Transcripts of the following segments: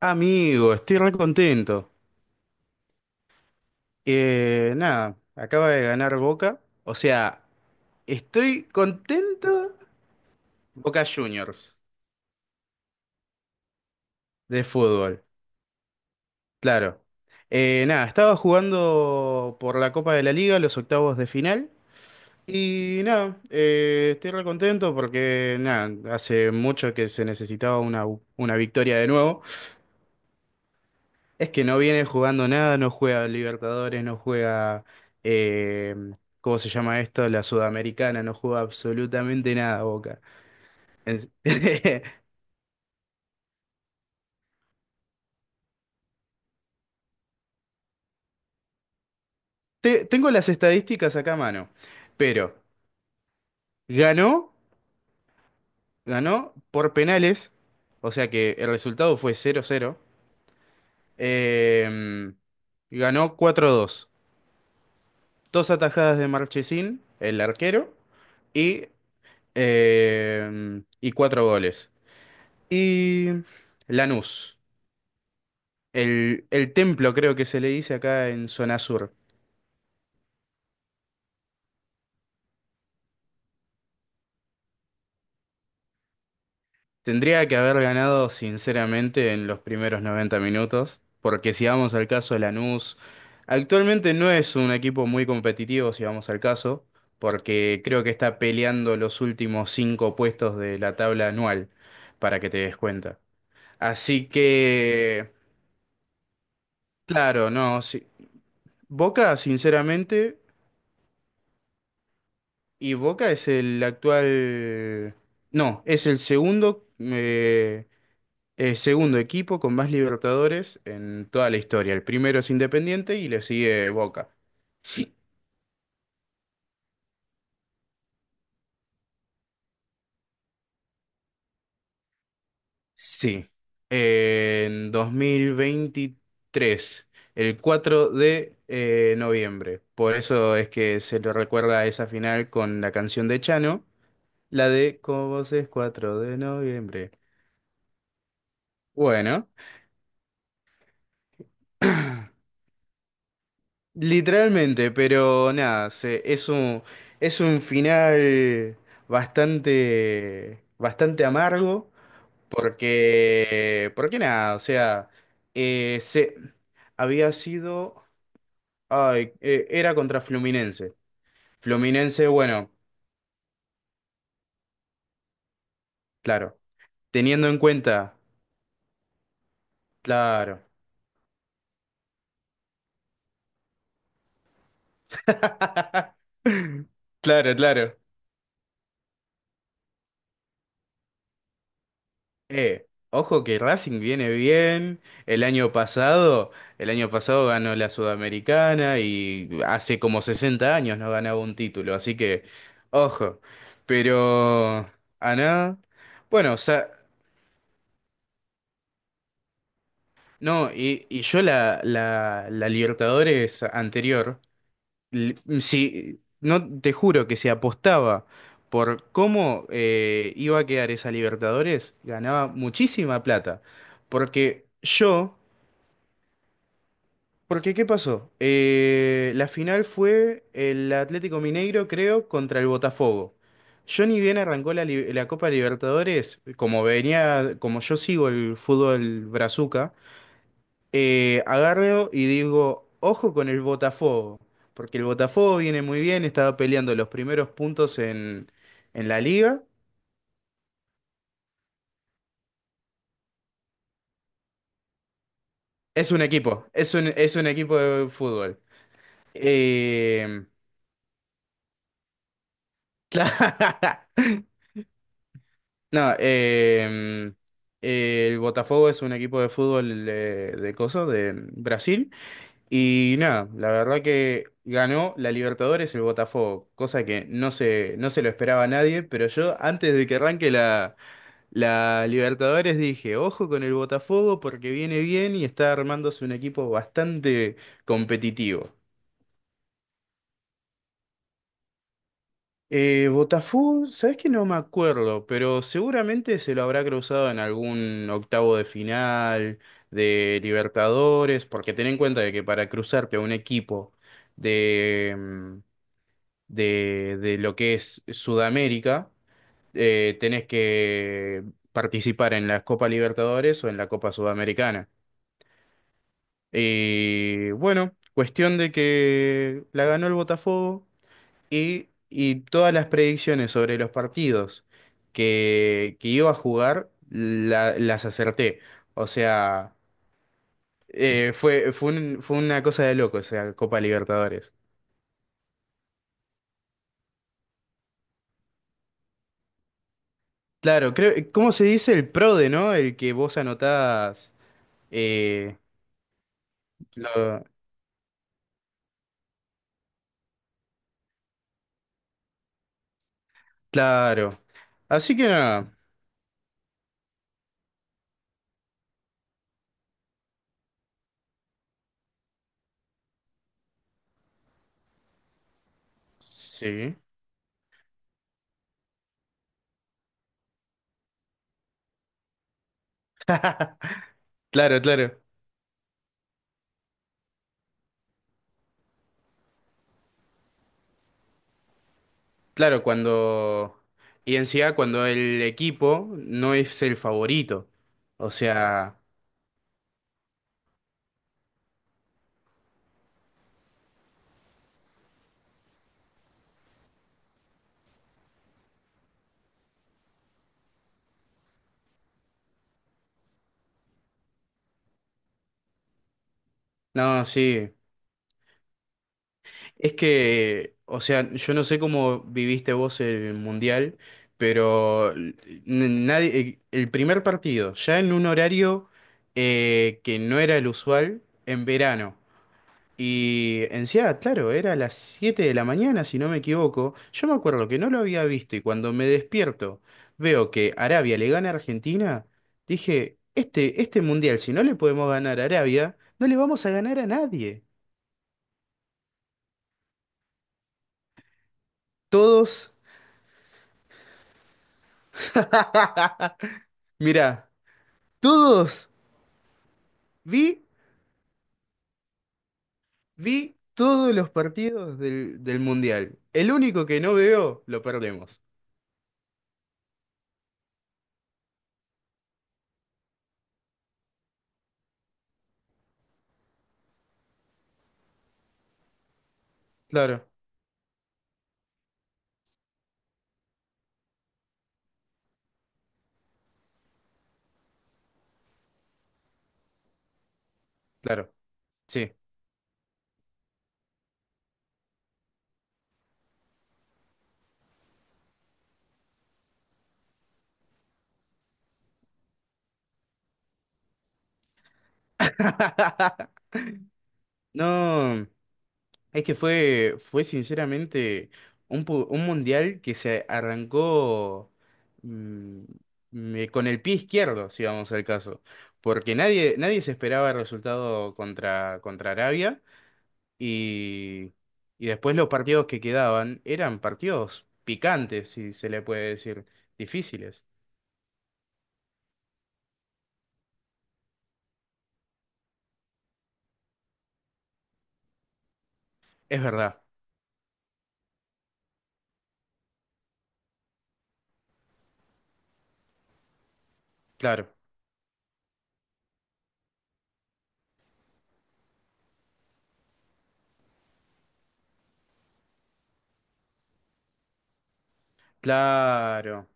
Amigo, estoy re contento. Nada, acaba de ganar Boca. O sea, estoy contento. Boca Juniors de fútbol, claro. Nada, estaba jugando por la Copa de la Liga, los octavos de final. Y nada, estoy re contento porque nada, hace mucho que se necesitaba una victoria de nuevo. Es que no viene jugando nada, no juega Libertadores, no juega, eh, ¿cómo se llama esto? La Sudamericana, no juega absolutamente nada, Boca. En- Tengo las estadísticas acá a mano, pero ganó, ganó por penales, o sea que el resultado fue 0-0. eh, ganó 4-2, dos dos atajadas de Marchesín, el arquero, y, y cuatro goles. Y Lanús. El templo creo que se le dice acá en zona sur. Tendría que haber ganado sinceramente en los primeros 90 minutos, porque si vamos al caso de Lanús, actualmente no es un equipo muy competitivo si vamos al caso, porque creo que está peleando los últimos cinco puestos de la tabla anual, para que te des cuenta. Así que, claro, no, sí. Boca sinceramente, y Boca es el actual. No, es el segundo. Segundo equipo con más Libertadores en toda la historia. El primero es Independiente y le sigue Boca. Sí. En 2023 el 4 de noviembre. Por eso es que se lo recuerda a esa final con la canción de Chano, la de Con vos es 4 de noviembre. Bueno, literalmente, pero nada, es un final bastante, bastante amargo. Porque nada, o sea, eh, se, había sido, ay, era contra Fluminense. Fluminense, bueno, claro, teniendo en cuenta, claro, claro, claro. Ojo que Racing viene bien. El año pasado, el año pasado ganó la Sudamericana y hace como 60 años no ganaba un título, así que, ojo. Pero, a nada. Bueno, o sea. No, y yo la Libertadores anterior, l- si, no te juro que se apostaba por cómo iba a quedar esa Libertadores, ganaba muchísima plata. Porque yo, porque ¿qué pasó? La final fue el Atlético Mineiro, creo, contra el Botafogo. Yo ni bien arrancó la Copa Libertadores, como venía, como yo sigo el fútbol brazuca. Agarro y digo, ojo con el Botafogo, porque el Botafogo viene muy bien, estaba peleando los primeros puntos en la liga. Es un equipo de fútbol. Eh, cla- no, el Botafogo es un equipo de fútbol de coso, de Brasil. Y nada, la verdad que ganó la Libertadores el Botafogo, cosa que no se lo esperaba a nadie, pero yo antes de que arranque la Libertadores dije, ojo con el Botafogo porque viene bien y está armándose un equipo bastante competitivo. Botafogo, sabes que no me acuerdo, pero seguramente se lo habrá cruzado en algún octavo de final de Libertadores, porque ten en cuenta de que para cruzarte a un equipo de, mm, de lo que es Sudamérica, tenés que participar en la Copa Libertadores o en la Copa Sudamericana. Y bueno, cuestión de que la ganó el Botafogo y todas las predicciones sobre los partidos que iba a jugar las acerté. O sea, fue una cosa de loco, o sea, Copa Libertadores. Claro, creo, ¿cómo se dice el PRODE, no? El que vos anotás. eh, lo- claro. Así que nada. Sí. Claro, claro. Claro, cuando. Y en sí encima cuando el equipo no es el favorito. O sea, no, sí. Es que, o sea, yo no sé cómo viviste vos el mundial, pero nadie, el primer partido, ya en un horario que no era el usual, en verano. Y encima, claro, era a las 7 de la mañana, si no me equivoco. Yo me acuerdo que no lo había visto y cuando me despierto veo que Arabia le gana a Argentina, dije, este mundial, si no le podemos ganar a Arabia, no le vamos a ganar a nadie. Todos, mirá, todos, vi, vi todos los partidos del mundial. El único que no veo, lo perdemos. Claro, claro, sí. No. Es que fue sinceramente un mundial que se arrancó mm, con el pie izquierdo, si vamos al caso, porque nadie se esperaba el resultado contra Arabia y, y después los partidos que quedaban eran partidos picantes, si se le puede decir, difíciles. Es verdad, claro, claro.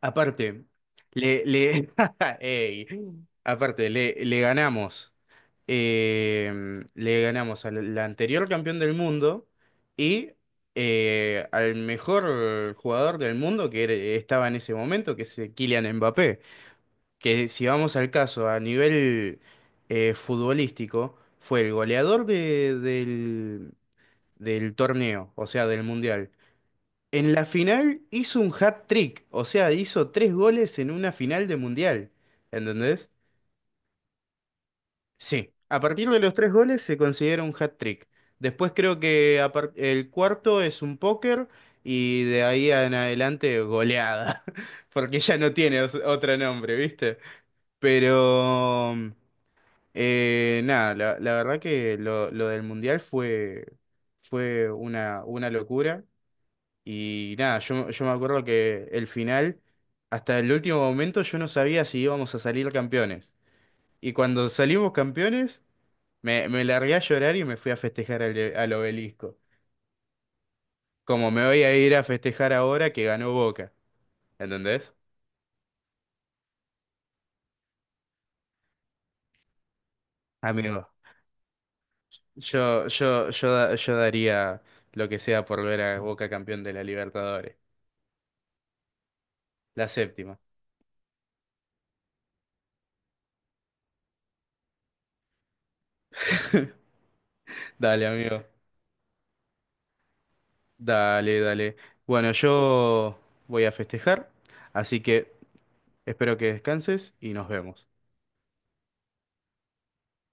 Aparte, le, le, ey, aparte, le ganamos. eh, le ganamos la anterior campeón del mundo y al mejor jugador del mundo que estaba en ese momento, que es Kylian Mbappé, que si vamos al caso a nivel futbolístico, fue el goleador del torneo, o sea, del mundial. En la final hizo un hat-trick, o sea, hizo tres goles en una final de mundial, ¿entendés? Sí, a partir de los tres goles se considera un hat-trick. Después creo que el cuarto es un póker y de ahí en adelante goleada, porque ya no tiene otro nombre, ¿viste? Pero nada, la verdad que lo del mundial fue una locura y nada, yo me acuerdo que el final, hasta el último momento yo no sabía si íbamos a salir campeones. Y cuando salimos campeones. Me largué a llorar y me fui a festejar al obelisco. Como me voy a ir a festejar ahora que ganó Boca. ¿Entendés? Amigo, yo daría lo que sea por ver a Boca campeón de la Libertadores. La séptima. Dale, amigo. Dale, dale. Bueno, yo voy a festejar, así que espero que descanses y nos vemos.